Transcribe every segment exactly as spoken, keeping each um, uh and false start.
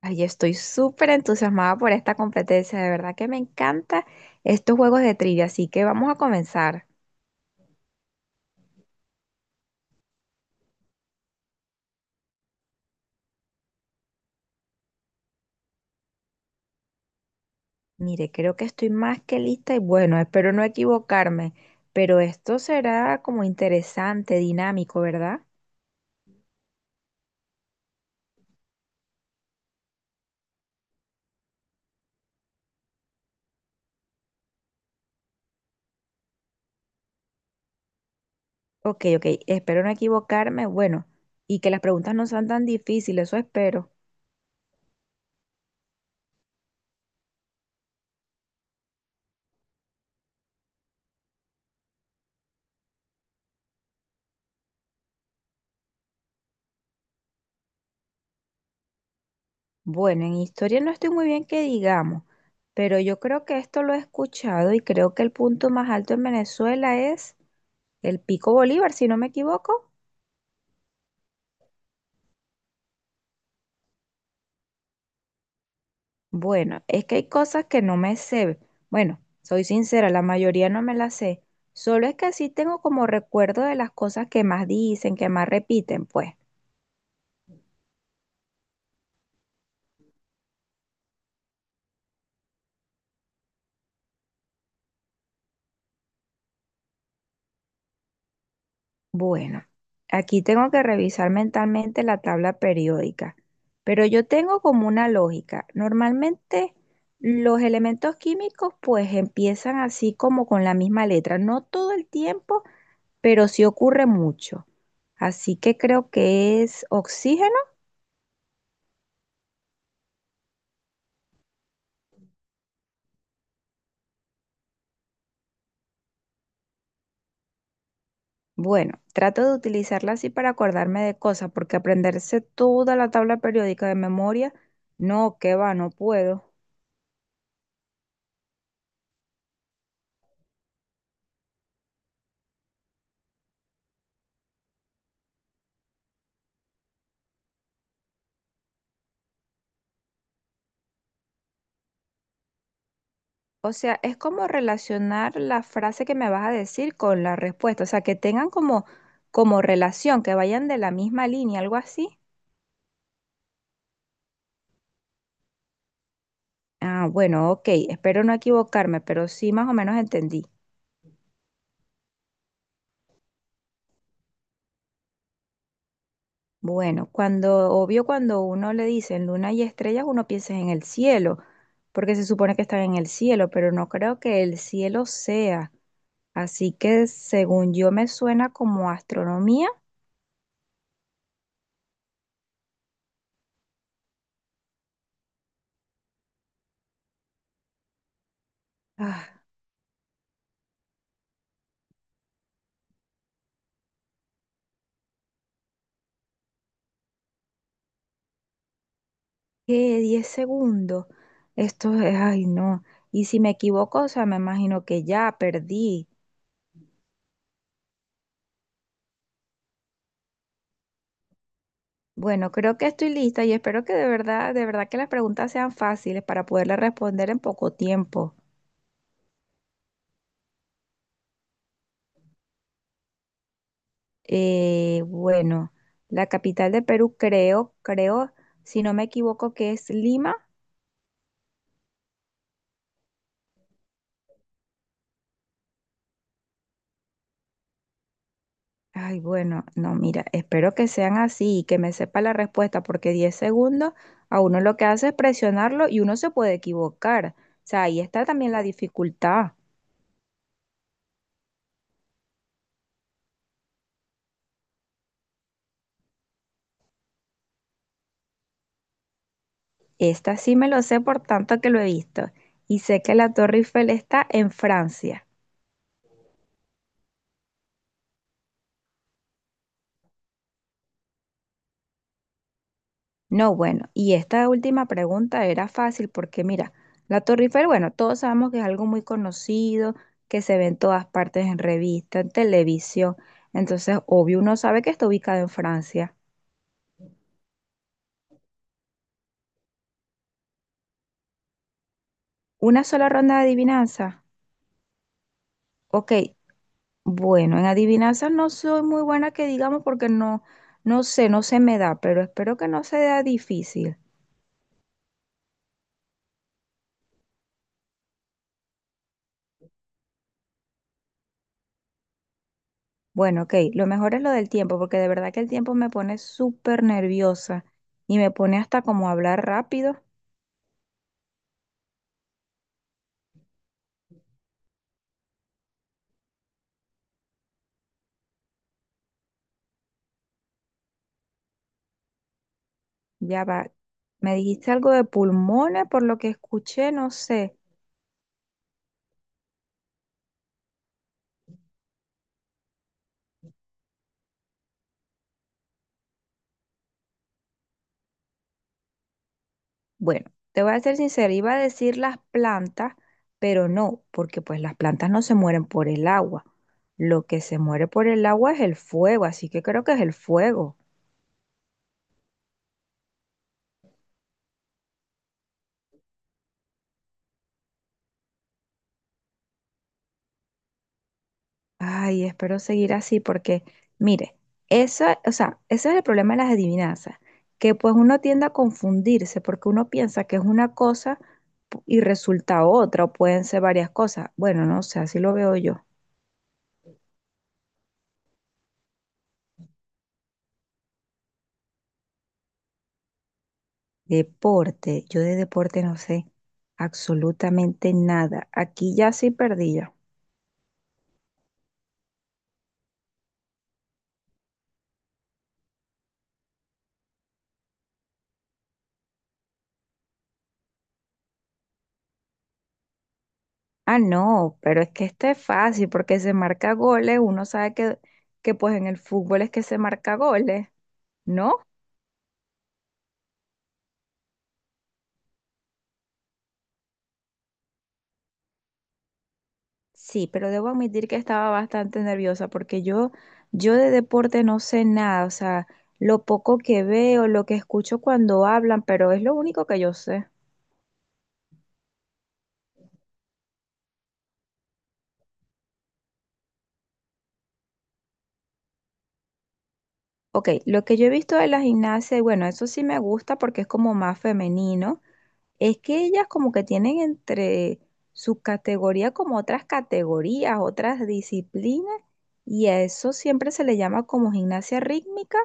Ay, estoy súper entusiasmada por esta competencia, de verdad que me encanta estos juegos de trivia, así que vamos a comenzar. Mire, creo que estoy más que lista y bueno, espero no equivocarme, pero esto será como interesante, dinámico, ¿verdad? Ok, ok, espero no equivocarme, bueno, y que las preguntas no sean tan difíciles, eso espero. Bueno, en historia no estoy muy bien que digamos, pero yo creo que esto lo he escuchado y creo que el punto más alto en Venezuela es el Pico Bolívar, si no me equivoco. Bueno, es que hay cosas que no me sé. Bueno, soy sincera, la mayoría no me las sé. Solo es que sí tengo como recuerdo de las cosas que más dicen, que más repiten, pues. Bueno, aquí tengo que revisar mentalmente la tabla periódica, pero yo tengo como una lógica. Normalmente los elementos químicos pues empiezan así como con la misma letra, no todo el tiempo, pero sí ocurre mucho. Así que creo que es oxígeno. Bueno, trato de utilizarla así para acordarme de cosas, porque aprenderse toda la tabla periódica de memoria, no, que va, no puedo. O sea, es como relacionar la frase que me vas a decir con la respuesta, o sea, que tengan como, como relación, que vayan de la misma línea, algo así. Ah, bueno, ok, espero no equivocarme, pero sí más o menos entendí. Bueno, cuando, obvio, cuando uno le dicen luna y estrellas, uno piensa en el cielo, porque se supone que están en el cielo, pero no creo que el cielo sea. Así que según yo me suena como astronomía. Ah, ¿qué? Diez segundos. Esto es, ay, no. Y si me equivoco, o sea, me imagino que ya perdí. Bueno, creo que estoy lista y espero que de verdad, de verdad que las preguntas sean fáciles para poderle responder en poco tiempo. Eh, bueno, la capital de Perú creo, creo, si no me equivoco, que es Lima. Ay, bueno, no, mira, espero que sean así y que me sepa la respuesta, porque diez segundos a uno lo que hace es presionarlo y uno se puede equivocar. O sea, ahí está también la dificultad. Esta sí me lo sé por tanto que lo he visto. Y sé que la Torre Eiffel está en Francia. No, bueno, y esta última pregunta era fácil porque mira, la Torre Eiffel, bueno, todos sabemos que es algo muy conocido, que se ve en todas partes, en revistas, en televisión. Entonces, obvio, uno sabe que está ubicada en Francia. Una sola ronda de adivinanza. Ok, bueno, en adivinanza no soy muy buena que digamos porque no, no sé, no se me da, pero espero que no sea difícil. Bueno, ok, lo mejor es lo del tiempo, porque de verdad que el tiempo me pone súper nerviosa y me pone hasta como a hablar rápido. Ya va. Me dijiste algo de pulmones, por lo que escuché, no sé. Bueno, te voy a ser sincera, iba a decir las plantas, pero no, porque pues las plantas no se mueren por el agua. Lo que se muere por el agua es el fuego, así que creo que es el fuego. Ay, espero seguir así porque, mire, eso, o sea, ese es el problema de las adivinanzas, que pues uno tiende a confundirse porque uno piensa que es una cosa y resulta otra, o pueden ser varias cosas. Bueno, no sé, así lo veo yo. Deporte, yo de deporte no sé absolutamente nada. Aquí ya sí perdí yo. Ah, no, pero es que este es fácil porque se marca goles, uno sabe que, que pues en el fútbol es que se marca goles, ¿no? Sí, pero debo admitir que estaba bastante nerviosa porque yo, yo de deporte no sé nada, o sea, lo poco que veo, lo que escucho cuando hablan, pero es lo único que yo sé. Ok, lo que yo he visto de la gimnasia, y bueno, eso sí me gusta porque es como más femenino. Es que ellas como que tienen entre sus categorías como otras categorías, otras disciplinas, y a eso siempre se le llama como gimnasia rítmica.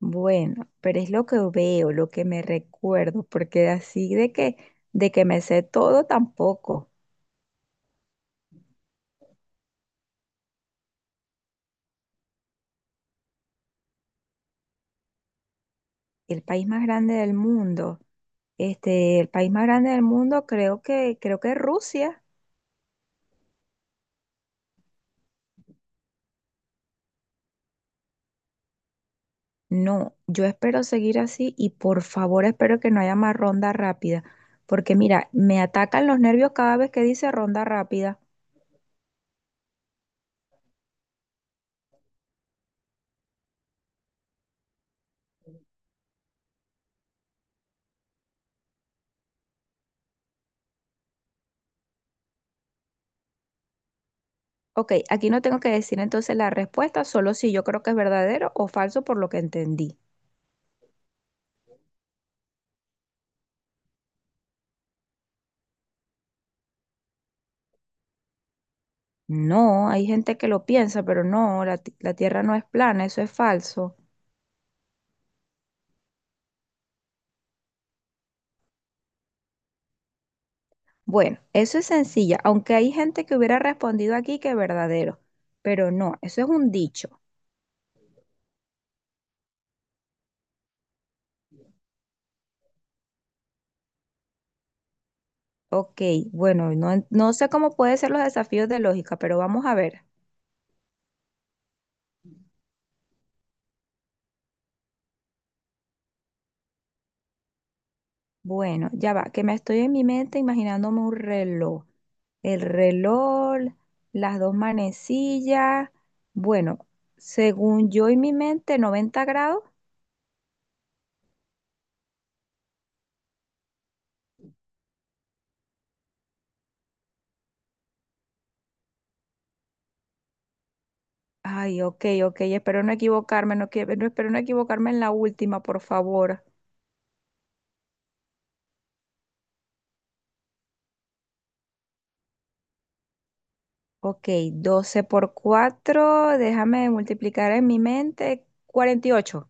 Bueno, pero es lo que veo, lo que me recuerdo, porque así de que, de que me sé todo tampoco. El país más grande del mundo, este, el país más grande del mundo creo que, creo que es Rusia. No, yo espero seguir así y por favor espero que no haya más ronda rápida, porque mira, me atacan los nervios cada vez que dice ronda rápida. Ok, aquí no tengo que decir entonces la respuesta, solo si yo creo que es verdadero o falso por lo que entendí. No, hay gente que lo piensa, pero no, la, ti- la Tierra no es plana, eso es falso. Bueno, eso es sencilla, aunque hay gente que hubiera respondido aquí que es verdadero, pero no, eso es un dicho. Ok, bueno, no, no sé cómo pueden ser los desafíos de lógica, pero vamos a ver. Bueno, ya va, que me estoy en mi mente imaginándome un reloj. El reloj, las dos manecillas. Bueno, según yo en mi mente, noventa grados. Ay, ok, ok, espero no equivocarme, no, que- no- espero no equivocarme en la última, por favor. Ok, doce por cuatro. Déjame multiplicar en mi mente. Cuarenta y ocho.